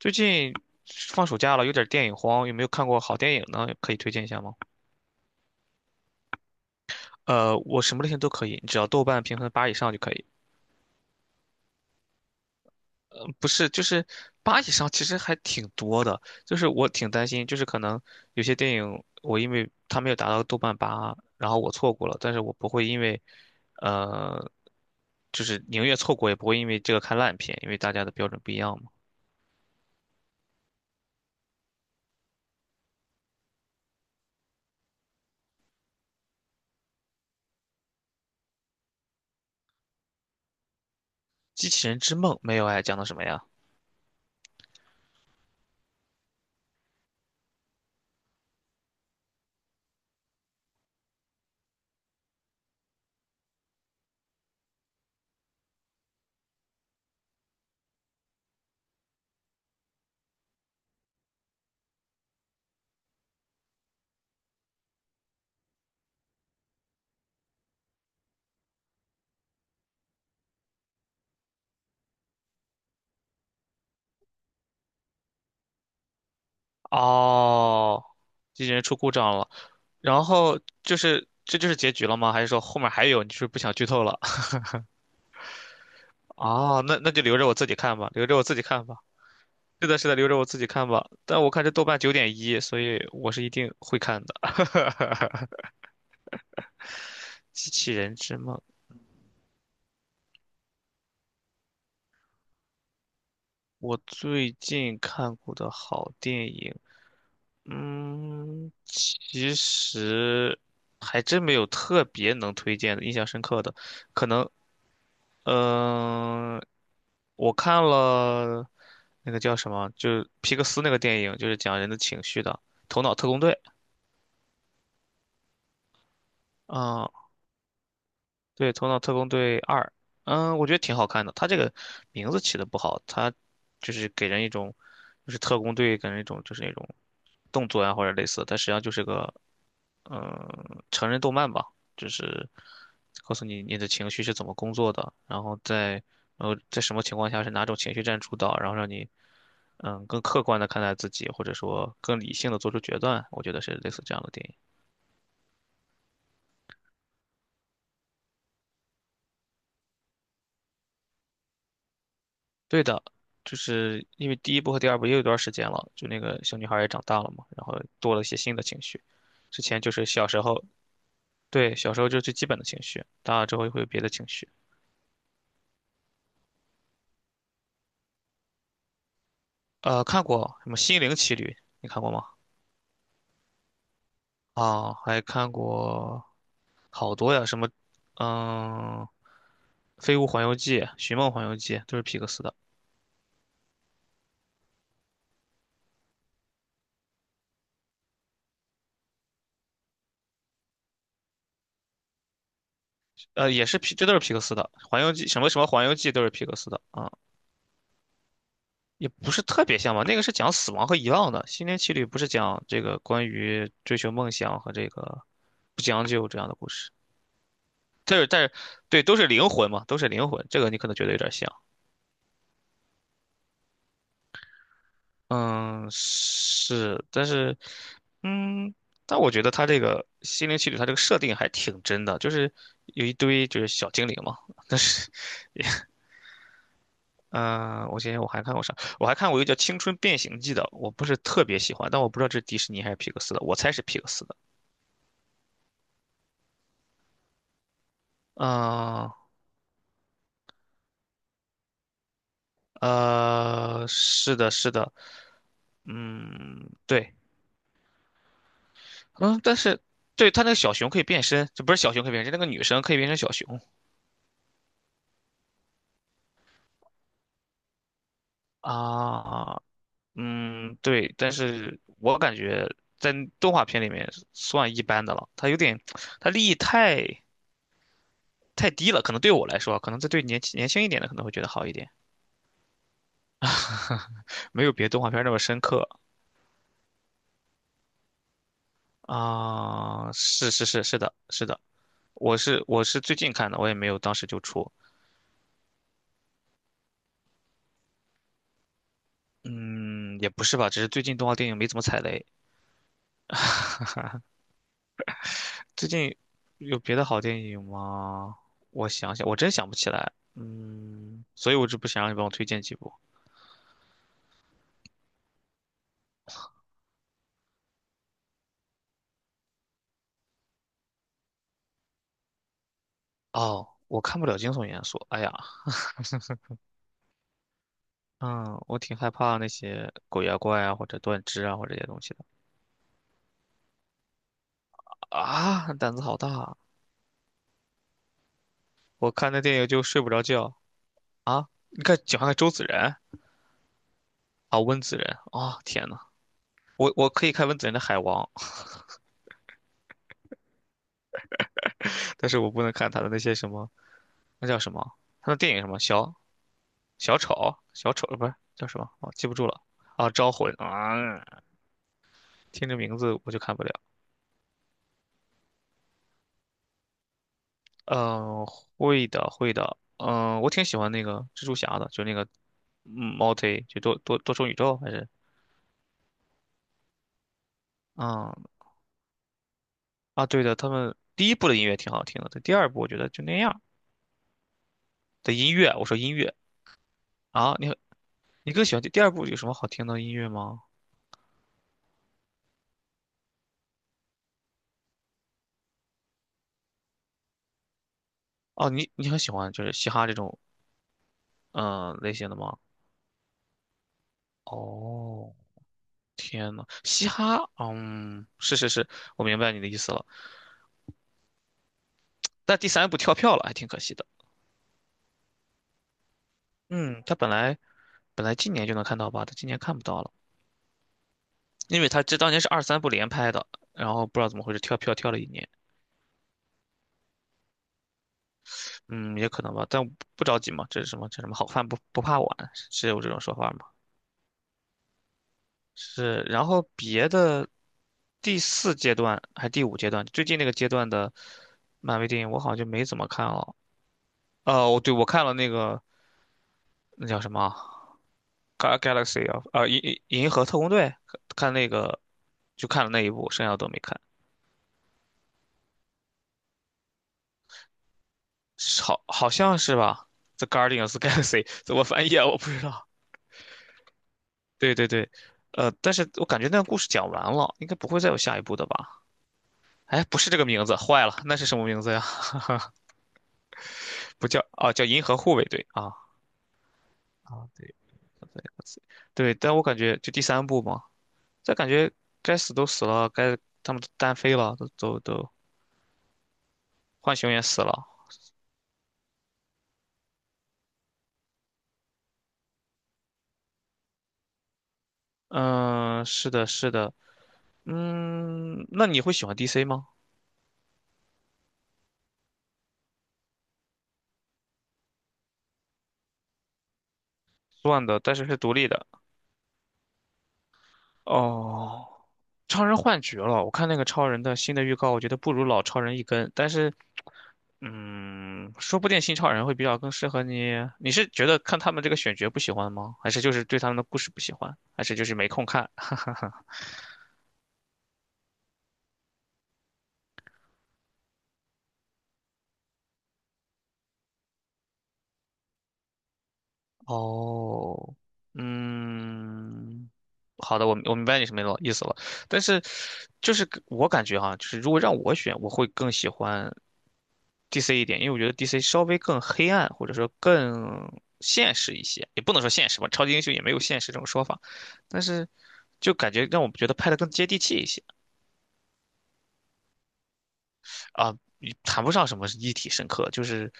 最近放暑假了，有点电影荒，有没有看过好电影呢？可以推荐一下吗？我什么类型都可以，只要豆瓣评分八以上就可以。不是，就是八以上，其实还挺多的。就是我挺担心，就是可能有些电影我因为它没有达到豆瓣八，然后我错过了，但是我不会因为，呃，就是宁愿错过也不会因为这个看烂片，因为大家的标准不一样嘛。机器人之梦没有哎，讲的什么呀？哦，机器人出故障了，然后就是这就是结局了吗？还是说后面还有？你是不是不想剧透了？哦，那就留着我自己看吧，留着我自己看吧。是的，是的，留着我自己看吧。但我看这豆瓣九点一，所以我是一定会看的。《机器人之梦》。我最近看过的好电影，嗯，其实还真没有特别能推荐的、印象深刻的，可能。嗯、我看了那个叫什么，就是皮克斯那个电影，就是讲人的情绪的《头脑特工队》。啊、对，《头脑特工队二》，嗯，我觉得挺好看的。它这个名字起的不好，它就是给人一种，就是特工队，给人一种就是那种动作呀或者类似，但实际上就是个成人动漫吧，就是告诉你你的情绪是怎么工作的，然后在在什么情况下是哪种情绪占主导，然后让你更客观的看待自己，或者说更理性的做出决断，我觉得是类似这样的电影。对的，就是因为第一部和第二部也有一段时间了，就那个小女孩也长大了嘛，然后多了一些新的情绪。之前就是小时候，对，小时候就是最基本的情绪，大了之后又会有别的情绪。看过什么《心灵奇旅》，你看过吗？啊，还看过好多呀，什么，嗯，《飞屋环游记》《寻梦环游记》都是皮克斯的。也是皮，这都是皮克斯的，《环游记》什么什么《环游记》都是皮克斯的啊，也不是特别像吧。那个是讲死亡和遗忘的，《心灵奇旅》不是讲这个关于追求梦想和这个不将就这样的故事。但是，对，都是灵魂嘛，都是灵魂，这个你可能觉得有点像。嗯，是，但是，嗯，但我觉得它这个心灵奇旅，它这个设定还挺真的，就是有一堆就是小精灵嘛。但是，嗯、我想想我还看过啥？我还看过一个叫《青春变形记》的，我不是特别喜欢，但我不知道这是迪士尼还是皮克斯的，我猜是皮克斯的。嗯、是的，是的，嗯，对，嗯，但是对它那个小熊可以变身，这不是小熊可以变身，那个女生可以变成小熊啊。嗯，对，但是我感觉在动画片里面算一般的了，它有点，它利益太太低了，可能对我来说，可能这对年轻一点的可能会觉得好一点。没有别的动画片那么深刻啊。是的，是的，我是最近看的，我也没有当时就出。嗯，也不是吧，只是最近动画电影没怎么踩雷。最近有别的好电影吗？我想想，我真想不起来，嗯，所以我就不想让你帮我推荐几部。哦，我看不了惊悚元素。哎呀，嗯，我挺害怕那些鬼啊怪啊，或者断肢啊，或者这些东西的。啊，胆子好大啊。我看那电影就睡不着觉啊。你看，喜欢看周子仁啊，温子仁啊，天呐，我可以看温子仁的《海王》，但是我不能看他的那些什么，那叫什么？他的电影什么？小丑，小丑不是叫什么？我、记不住了。啊，招魂啊，听这名字我就看不了。嗯，会的，会的。嗯，我挺喜欢那个蜘蛛侠的，就那个multi 就多多重宇宙还是啊嗯啊，对的，他们第一部的音乐挺好听的，但第二部我觉得就那样的音乐，我说音乐啊，你你更喜欢第二部有什么好听的音乐吗？哦，你你很喜欢就是嘻哈这种类型的吗？哦，天呐，嘻哈，嗯，我明白你的意思了。但第三部跳票了，还挺可惜的。嗯，他本来本来今年就能看到吧，他今年看不到了，因为他这当年是二三部连拍的，然后不知道怎么回事跳票跳了一年。嗯，也可能吧，但不着急嘛。这是什么？这什么好饭不怕晚，是有这种说法吗？是。然后别的第四阶段还是第五阶段，最近那个阶段的漫威电影我好像就没怎么看了。哦，我看了那个那叫什么啊《Ga- Galaxy o》 啊，银河特工队，看那个就看了那一部，剩下的都没看。是，好好像是吧，《The Guardians of the Galaxy》怎么翻译啊？我不知道。对对对。但是我感觉那个故事讲完了，应该不会再有下一部的吧？哎，不是这个名字，坏了，那是什么名字呀？不叫啊，叫银河护卫队啊。啊，对，但我感觉就第三部嘛，这感觉该死都死了，该他们都单飞了，都都都浣熊也死了。嗯，是的，是的，嗯，那你会喜欢 DC 吗？算的，但是是独立的。哦，超人换角了。我看那个超人的新的预告，我觉得不如老超人一根。但是，嗯，说不定新超人会比较更适合你。你是觉得看他们这个选角不喜欢吗？还是就是对他们的故事不喜欢？还是就是没空看？哦，嗯，好的，我明白你什么意思了。但是，就是我感觉哈，就是如果让我选，我会更喜欢 DC 一点，因为我觉得 DC 稍微更黑暗，或者说更现实一些，也不能说现实吧，超级英雄也没有现实这种说法，但是就感觉让我们觉得拍的更接地气一些。啊，也谈不上什么立体深刻，就是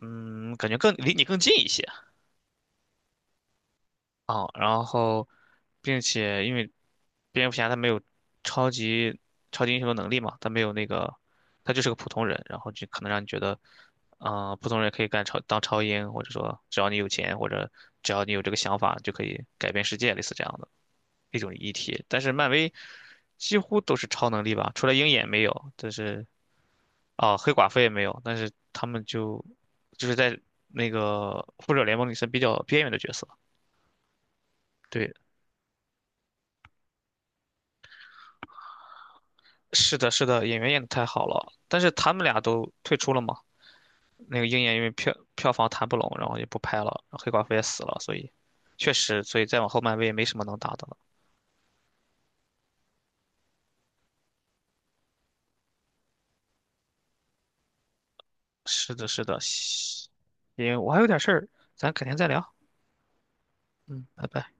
嗯，感觉更离你更近一些。哦，然后，并且因为蝙蝠侠他没有超级超级英雄的能力嘛，他没有那个，他就是个普通人，然后就可能让你觉得，啊、普通人可以干超当超英，或者说只要你有钱，或者只要你有这个想法，就可以改变世界，类似这样的一种议题。但是漫威几乎都是超能力吧，除了鹰眼没有，但是黑寡妇也没有，但是他们就是在那个复仇者联盟里算比较边缘的角色。对。是的，是的，演员演的太好了，但是他们俩都退出了嘛。那个鹰眼因为票房谈不拢，然后也不拍了，然后黑寡妇也死了，所以确实，所以再往后漫威也没什么能打的了。是的，是的，西因为我还有点事儿，咱改天再聊。嗯，拜拜。